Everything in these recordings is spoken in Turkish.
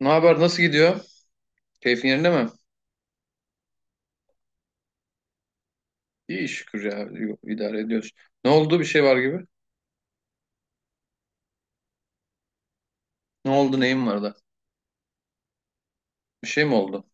Ne haber? Nasıl gidiyor? Keyfin yerinde mi? İyi şükür ya. İdare ediyoruz. Ne oldu? Bir şey var gibi. Ne oldu? Neyin var da? Bir şey mi oldu?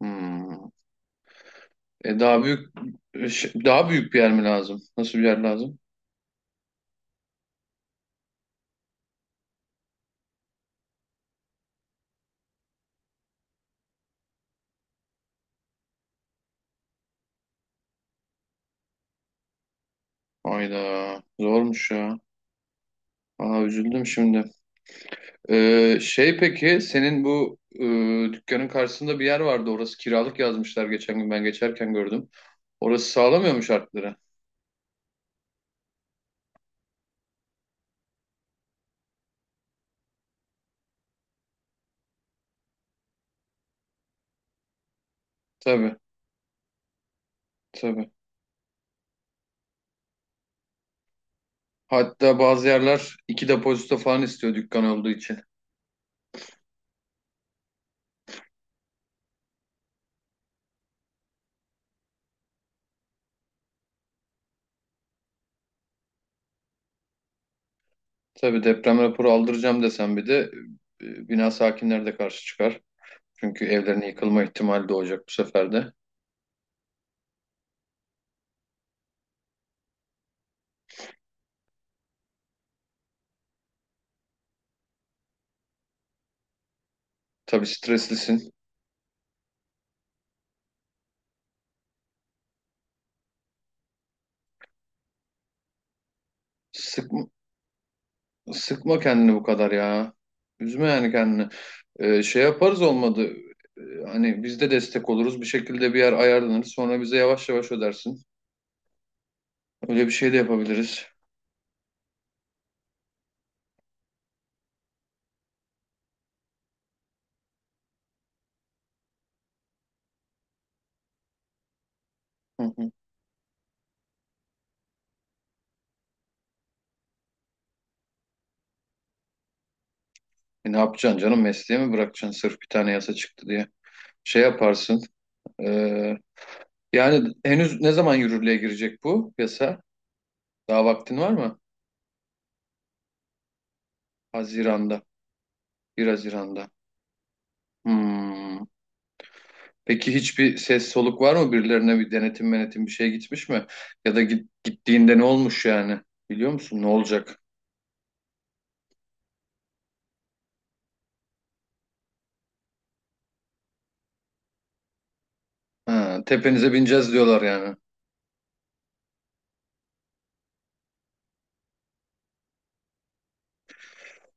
Hmm. E daha büyük Daha büyük bir yer mi lazım? Nasıl bir yer lazım? Hayda. Zormuş ya. Aa, üzüldüm şimdi. Peki senin bu dükkanın karşısında bir yer vardı. Orası kiralık yazmışlar, geçen gün ben geçerken gördüm. Orası sağlamıyor mu şartları? Tabii, tabii. Hatta bazı yerler iki depozito falan istiyor dükkan olduğu için. Tabii, deprem raporu aldıracağım desem bir de bina sakinleri de karşı çıkar. Çünkü evlerine yıkılma ihtimali de olacak bu sefer de. Tabii, streslisin. Sıkma, sıkma kendini bu kadar ya. Üzme yani kendini. Şey yaparız olmadı. E, Hani biz de destek oluruz. Bir şekilde bir yer ayarlanır. Sonra bize yavaş yavaş ödersin. Öyle bir şey de yapabiliriz. Hı hı. Ne yapacaksın canım? Mesleği mi bırakacaksın sırf bir tane yasa çıktı diye? Şey yaparsın. e, yani henüz ne zaman yürürlüğe girecek bu yasa? Daha vaktin var mı? Haziran'da. 1 Haziran'da. Hmm. Peki hiçbir ses soluk var mı? Birilerine bir denetim menetim bir şey gitmiş mi? Ya da gittiğinde ne olmuş yani? Biliyor musun? Ne olacak? Ha, tepenize bineceğiz diyorlar yani.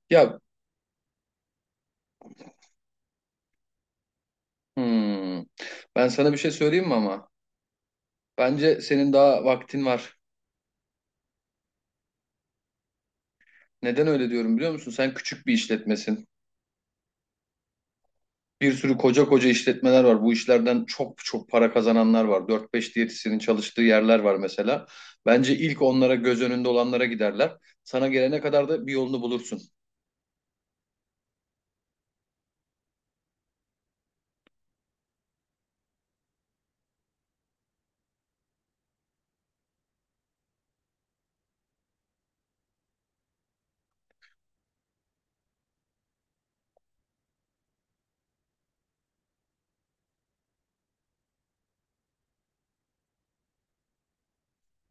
Ya, hmm. Ben sana bir şey söyleyeyim mi ama? Bence senin daha vaktin var. Neden öyle diyorum biliyor musun? Sen küçük bir işletmesin. Bir sürü koca koca işletmeler var. Bu işlerden çok çok para kazananlar var. 4-5 diyetisyenin çalıştığı yerler var mesela. Bence ilk onlara, göz önünde olanlara giderler. Sana gelene kadar da bir yolunu bulursun.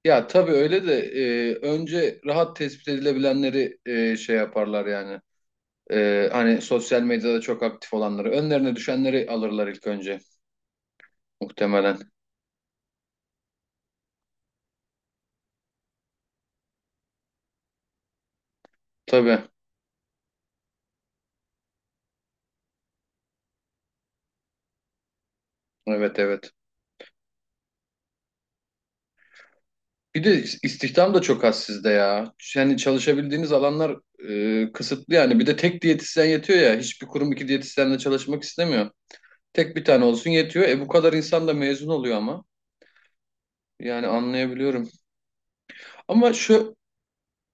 Ya tabii, öyle de önce rahat tespit edilebilenleri şey yaparlar yani. Hani sosyal medyada çok aktif olanları. Önlerine düşenleri alırlar ilk önce, muhtemelen. Tabii. Evet, evet. Bir de istihdam da çok az sizde ya. Yani çalışabildiğiniz alanlar kısıtlı yani. Bir de tek diyetisyen yetiyor ya. Hiçbir kurum iki diyetisyenle çalışmak istemiyor. Tek bir tane olsun yetiyor. Bu kadar insan da mezun oluyor ama. Yani anlayabiliyorum. Ama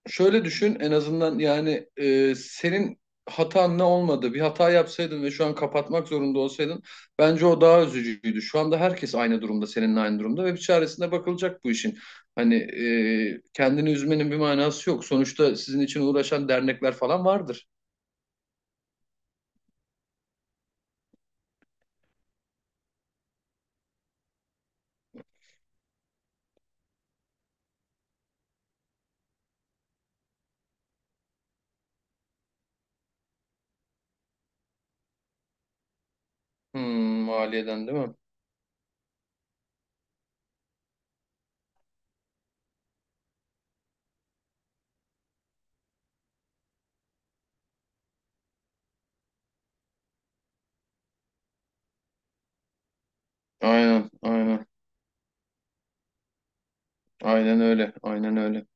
şöyle düşün en azından, yani senin hatan ne olmadı? Bir hata yapsaydın ve şu an kapatmak zorunda olsaydın, bence o daha üzücüydü. Şu anda herkes aynı durumda, seninle aynı durumda ve bir çaresine bakılacak bu işin. Hani kendini üzmenin bir manası yok. Sonuçta sizin için uğraşan dernekler falan vardır. Hmm, maliyeden değil mi? Aynen, aynen. Aynen öyle, aynen öyle.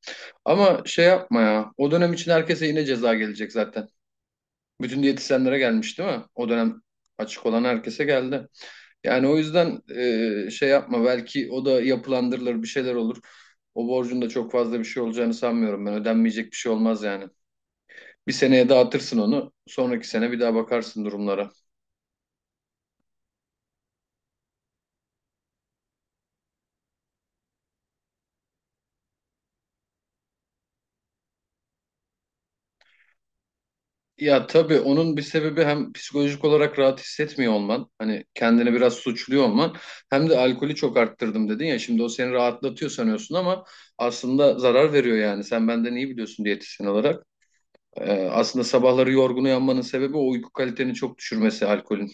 Ama şey yapma ya. O dönem için herkese yine ceza gelecek zaten. Bütün diyetisyenlere gelmiş değil mi? O dönem açık olan herkese geldi. Yani o yüzden şey yapma, belki o da yapılandırılır, bir şeyler olur. O borcun da çok fazla bir şey olacağını sanmıyorum ben. Ödenmeyecek bir şey olmaz yani. Bir seneye dağıtırsın onu. Sonraki sene bir daha bakarsın durumlara. Ya tabii, onun bir sebebi hem psikolojik olarak rahat hissetmiyor olman. Hani kendini biraz suçluyor olman. Hem de alkolü çok arttırdım dedin ya. Şimdi o seni rahatlatıyor sanıyorsun ama aslında zarar veriyor yani. Sen benden iyi biliyorsun diyetisyen olarak. Aslında sabahları yorgun uyanmanın sebebi o, uyku kaliteni çok düşürmesi alkolün.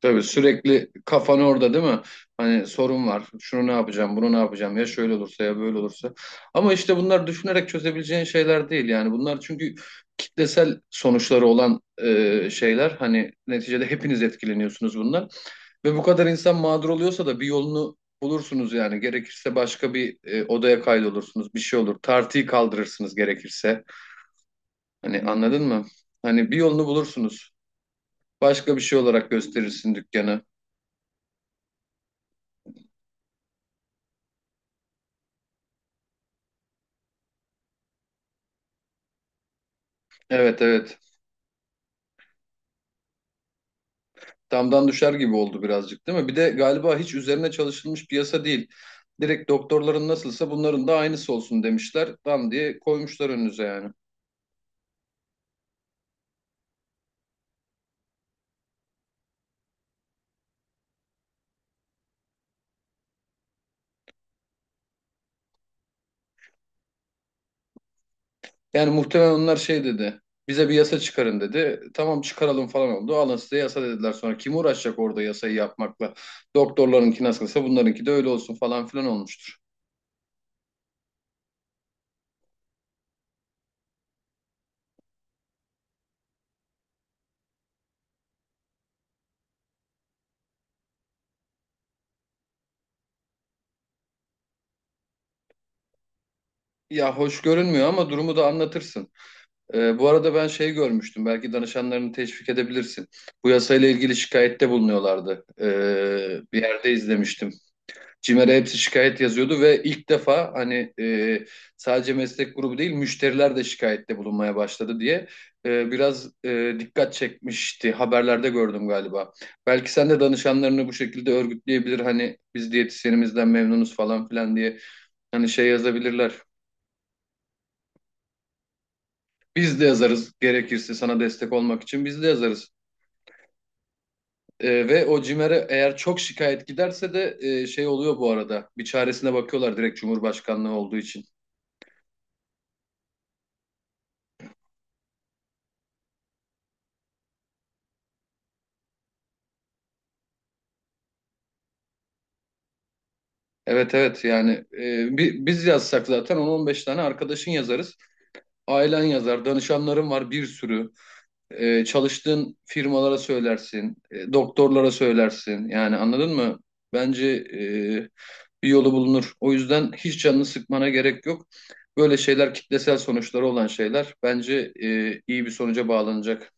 Tabii, sürekli kafan orada değil mi? Hani sorun var. Şunu ne yapacağım, bunu ne yapacağım? Ya şöyle olursa, ya böyle olursa. Ama işte bunlar düşünerek çözebileceğin şeyler değil yani. Bunlar çünkü kitlesel sonuçları olan şeyler. Hani neticede hepiniz etkileniyorsunuz bundan. Ve bu kadar insan mağdur oluyorsa da bir yolunu bulursunuz yani. Gerekirse başka bir odaya kaydolursunuz. Bir şey olur. Tartıyı kaldırırsınız gerekirse. Hani, anladın mı? Hani bir yolunu bulursunuz. Başka bir şey olarak gösterirsin dükkanı. Evet, evet. Damdan düşer gibi oldu birazcık değil mi? Bir de galiba hiç üzerine çalışılmış bir yasa değil. Direkt doktorların nasılsa bunların da aynısı olsun demişler. Tam diye koymuşlar önünüze yani. Yani muhtemelen onlar şey dedi. Bize bir yasa çıkarın dedi. Tamam, çıkaralım falan oldu. Alın size yasa dediler sonra. Kim uğraşacak orada yasayı yapmakla? Doktorlarınki nasılsa bunlarınki de öyle olsun falan filan olmuştur. Ya hoş görünmüyor ama durumu da anlatırsın. Bu arada ben şey görmüştüm. Belki danışanlarını teşvik edebilirsin. Bu yasayla ilgili şikayette bulunuyorlardı. Bir yerde izlemiştim. CİMER'e hepsi şikayet yazıyordu ve ilk defa, hani sadece meslek grubu değil müşteriler de şikayette bulunmaya başladı diye biraz dikkat çekmişti. Haberlerde gördüm galiba. Belki sen de danışanlarını bu şekilde örgütleyebilir. Hani biz diyetisyenimizden memnunuz falan filan diye, hani şey yazabilirler. Biz de yazarız gerekirse, sana destek olmak için biz de yazarız. Ve o CİMER'e eğer çok şikayet giderse de şey oluyor bu arada. Bir çaresine bakıyorlar direkt, Cumhurbaşkanlığı olduğu için. Evet, evet, yani biz yazsak zaten 10-15 tane arkadaşın yazarız. Ailen yazar, danışanların var bir sürü. Çalıştığın firmalara söylersin, doktorlara söylersin. Yani anladın mı? Bence bir yolu bulunur. O yüzden hiç canını sıkmana gerek yok. Böyle şeyler, kitlesel sonuçları olan şeyler, bence iyi bir sonuca bağlanacak.